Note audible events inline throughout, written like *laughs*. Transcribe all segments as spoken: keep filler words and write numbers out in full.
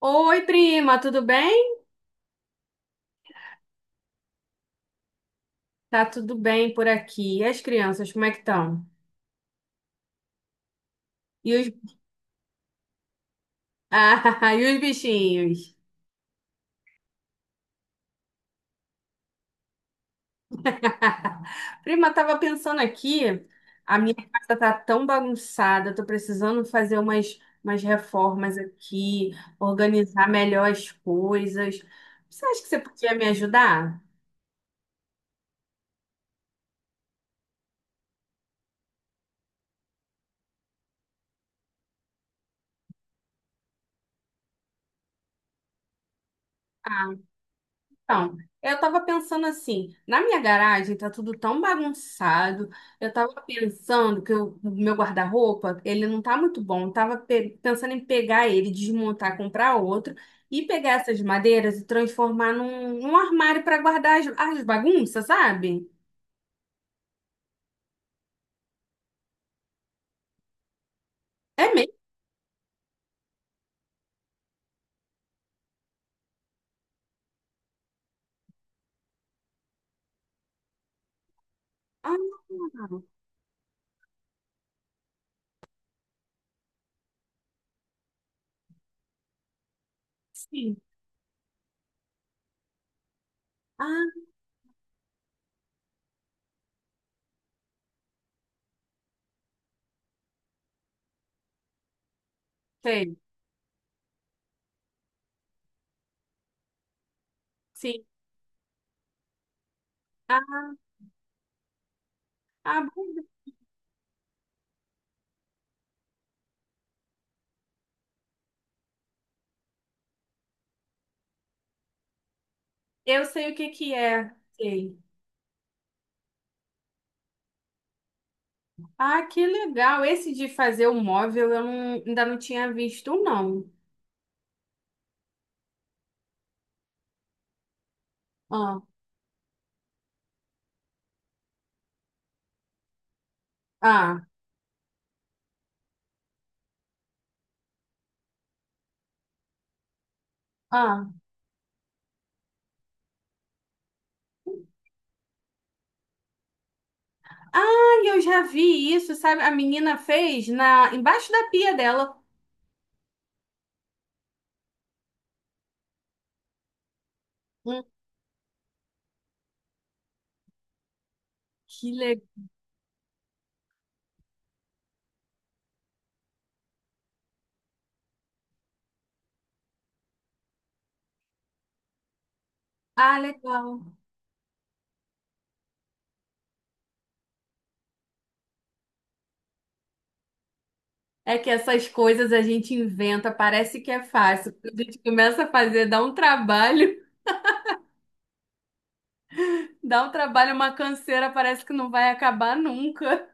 Oi, prima, tudo bem? Tá tudo bem por aqui. E as crianças, como é que estão? E os... *laughs* Ah, e os bichinhos? *laughs* Prima, tava pensando aqui, a minha casa tá tão bagunçada, tô precisando fazer umas, umas reformas aqui, organizar melhor as coisas. Você acha que você podia me ajudar? Ah, então, eu tava pensando assim, na minha garagem tá tudo tão bagunçado. Eu tava pensando que o o meu guarda-roupa, ele não tá muito bom. Eu tava pe- pensando em pegar ele, desmontar, comprar outro e pegar essas madeiras e transformar num, num armário para guardar as, as bagunças, sabe? É mesmo? Ah, sim. Ah, sei. Sim. Ah, ah, bom. Eu sei o que que é. Sei. Ah, que legal. Esse de fazer o móvel eu não- ainda não tinha visto, não. Ah, ah, ah. Ah, eu já vi isso, sabe? A menina fez na embaixo da pia dela. Hum, que legal. Ah, legal. É que essas coisas a gente inventa, parece que é fácil. Quando a gente começa a fazer, dá um trabalho, *laughs* dá um trabalho, uma canseira, parece que não vai acabar nunca.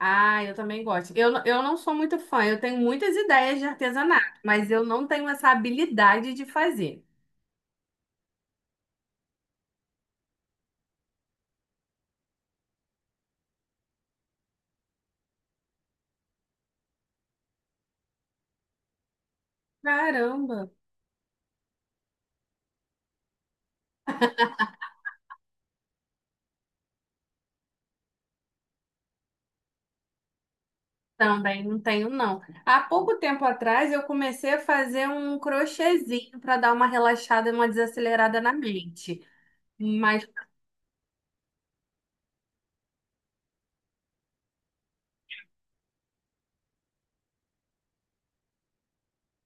Ah, eu também gosto. Eu, n- eu não sou muito fã, eu tenho muitas ideias de artesanato, mas eu não tenho essa habilidade de fazer. Caramba! Também não tenho, não. Há pouco tempo atrás eu comecei a fazer um crochêzinho para dar uma relaxada, e uma desacelerada na mente. Mas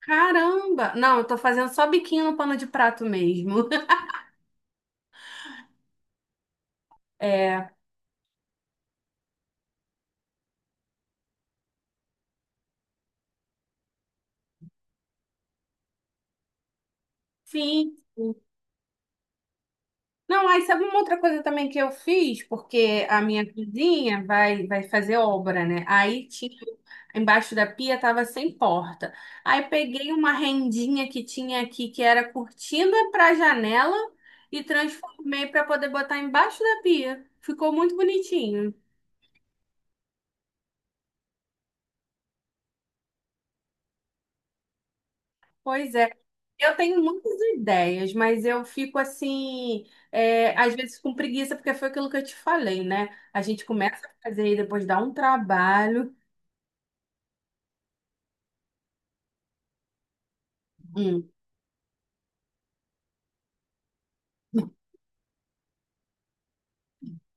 caramba! Não, eu tô fazendo só biquinho no pano de prato mesmo. *laughs* É, sim. Não, aí sabe uma outra coisa também que eu fiz, porque a minha cozinha vai, vai fazer obra, né? Aí tinha, embaixo da pia tava sem porta. Aí peguei uma rendinha que tinha aqui, que era cortina para janela, e transformei para poder botar embaixo da pia. Ficou muito bonitinho. Pois é. Eu tenho muitas ideias, mas eu fico assim, é, às vezes com preguiça, porque foi aquilo que eu te falei, né? A gente começa a fazer e depois dá um trabalho. Hum.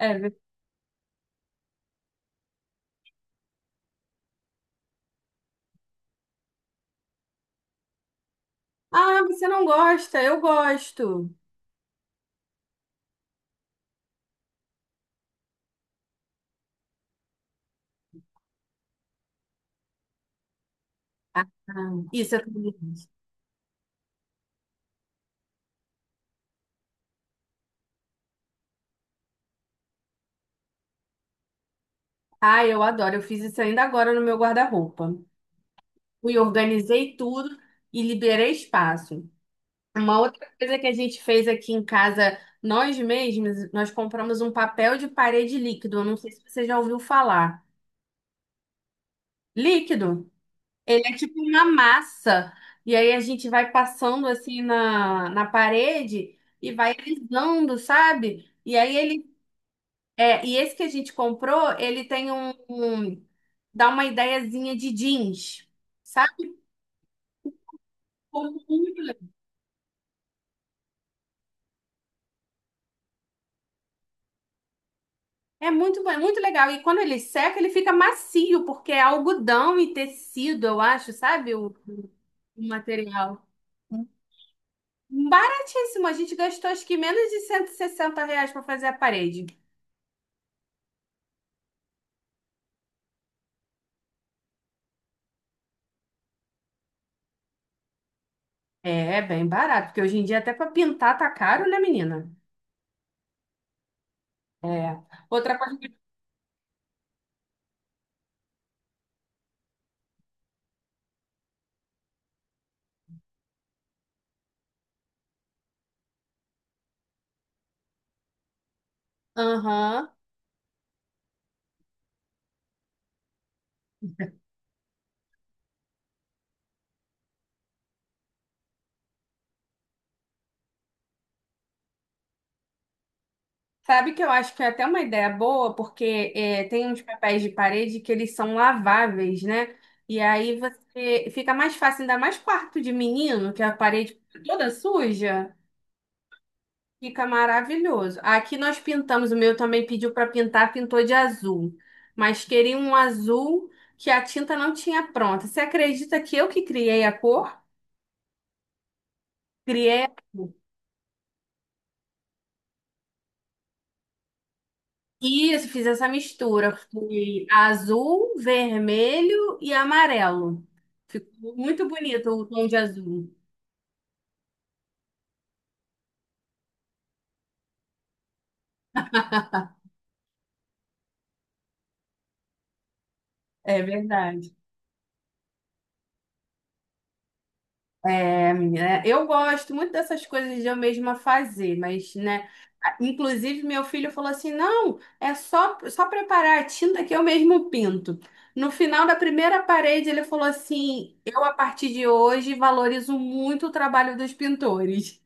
É ver- Ah, você não gosta? Eu gosto. Ah, isso, eu também gosto. Ah, eu adoro. Eu fiz isso ainda agora no meu guarda-roupa. Fui, organizei tudo e liberei espaço. Uma outra coisa que a gente fez aqui em casa, nós mesmos, nós compramos um papel de parede líquido. Eu não sei se você já ouviu falar. Líquido? Ele é tipo uma massa. E aí a gente vai passando assim na, na parede e vai alisando, sabe? E aí ele é, e esse que a gente comprou, ele tem um, um- dá uma ideiazinha de jeans, sabe? Ficou muito le- É muito, bom, é muito legal. E quando ele seca, ele fica macio, porque é algodão e tecido, eu acho, sabe? O, o material. Baratíssimo. A gente gastou acho que menos de cento e sessenta reais para fazer a parede. É, é bem barato, porque hoje em dia até para pintar tá caro, né, menina? É. Outra coisa. Aham. Sabe que eu acho que é até uma ideia boa, porque é, tem uns papéis de parede que eles são laváveis, né? E aí você fica mais fácil, ainda mais quarto de menino, que a parede fica toda suja, fica maravilhoso. Aqui nós pintamos, o meu também pediu para pintar, pintou de azul, mas queria um azul que a tinta não tinha pronta. Você acredita que eu que criei a cor? Criei. Isso, fiz essa mistura. Fui azul, vermelho e amarelo. Ficou muito bonito o tom de azul. É verdade. É, menina, eu gosto muito dessas coisas de eu mesma fazer, mas, né? a- Inclusive, meu filho falou assim: não, é só, só preparar a tinta que eu mesmo pinto. No final da primeira parede, ele falou assim: eu, a partir de hoje, valorizo muito o trabalho dos pintores. *laughs*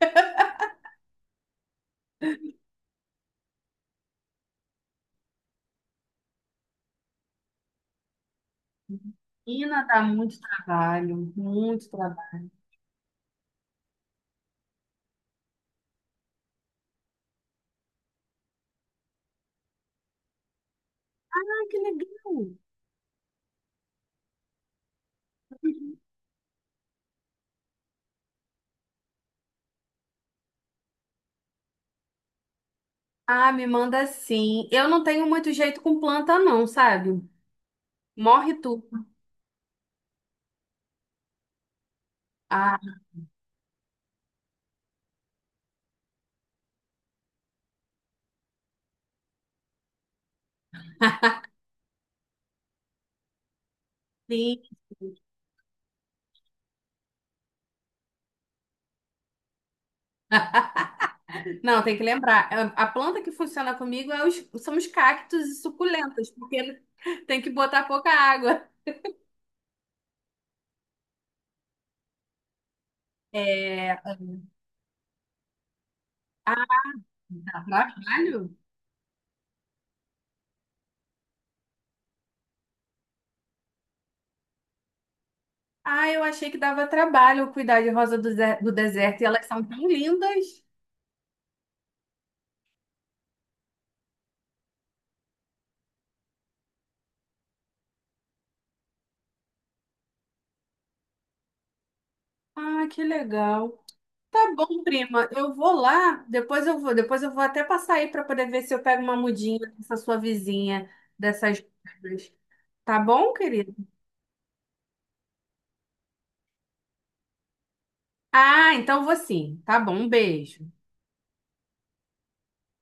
Menina, dá muito trabalho, muito trabalho. Que legal. Ah, me manda sim. Eu não tenho muito jeito com planta, não, sabe? Morre tu. Ah, sim. *laughs* Não, tem que lembrar. A a planta que funciona comigo é os- são os cactos e suculentas, porque *laughs* tem que botar pouca água. É... Ah, ah, dá trabalho? Ah, eu achei que dava trabalho cuidar de rosa do, ze- do deserto e elas são tão lindas. Ah, que legal. Tá bom, prima. Eu vou lá, depois eu vou, depois eu vou até passar aí para poder ver se eu pego uma mudinha dessa sua vizinha, dessas. Tá bom, querido? Ah, então vou sim. Tá bom, um beijo.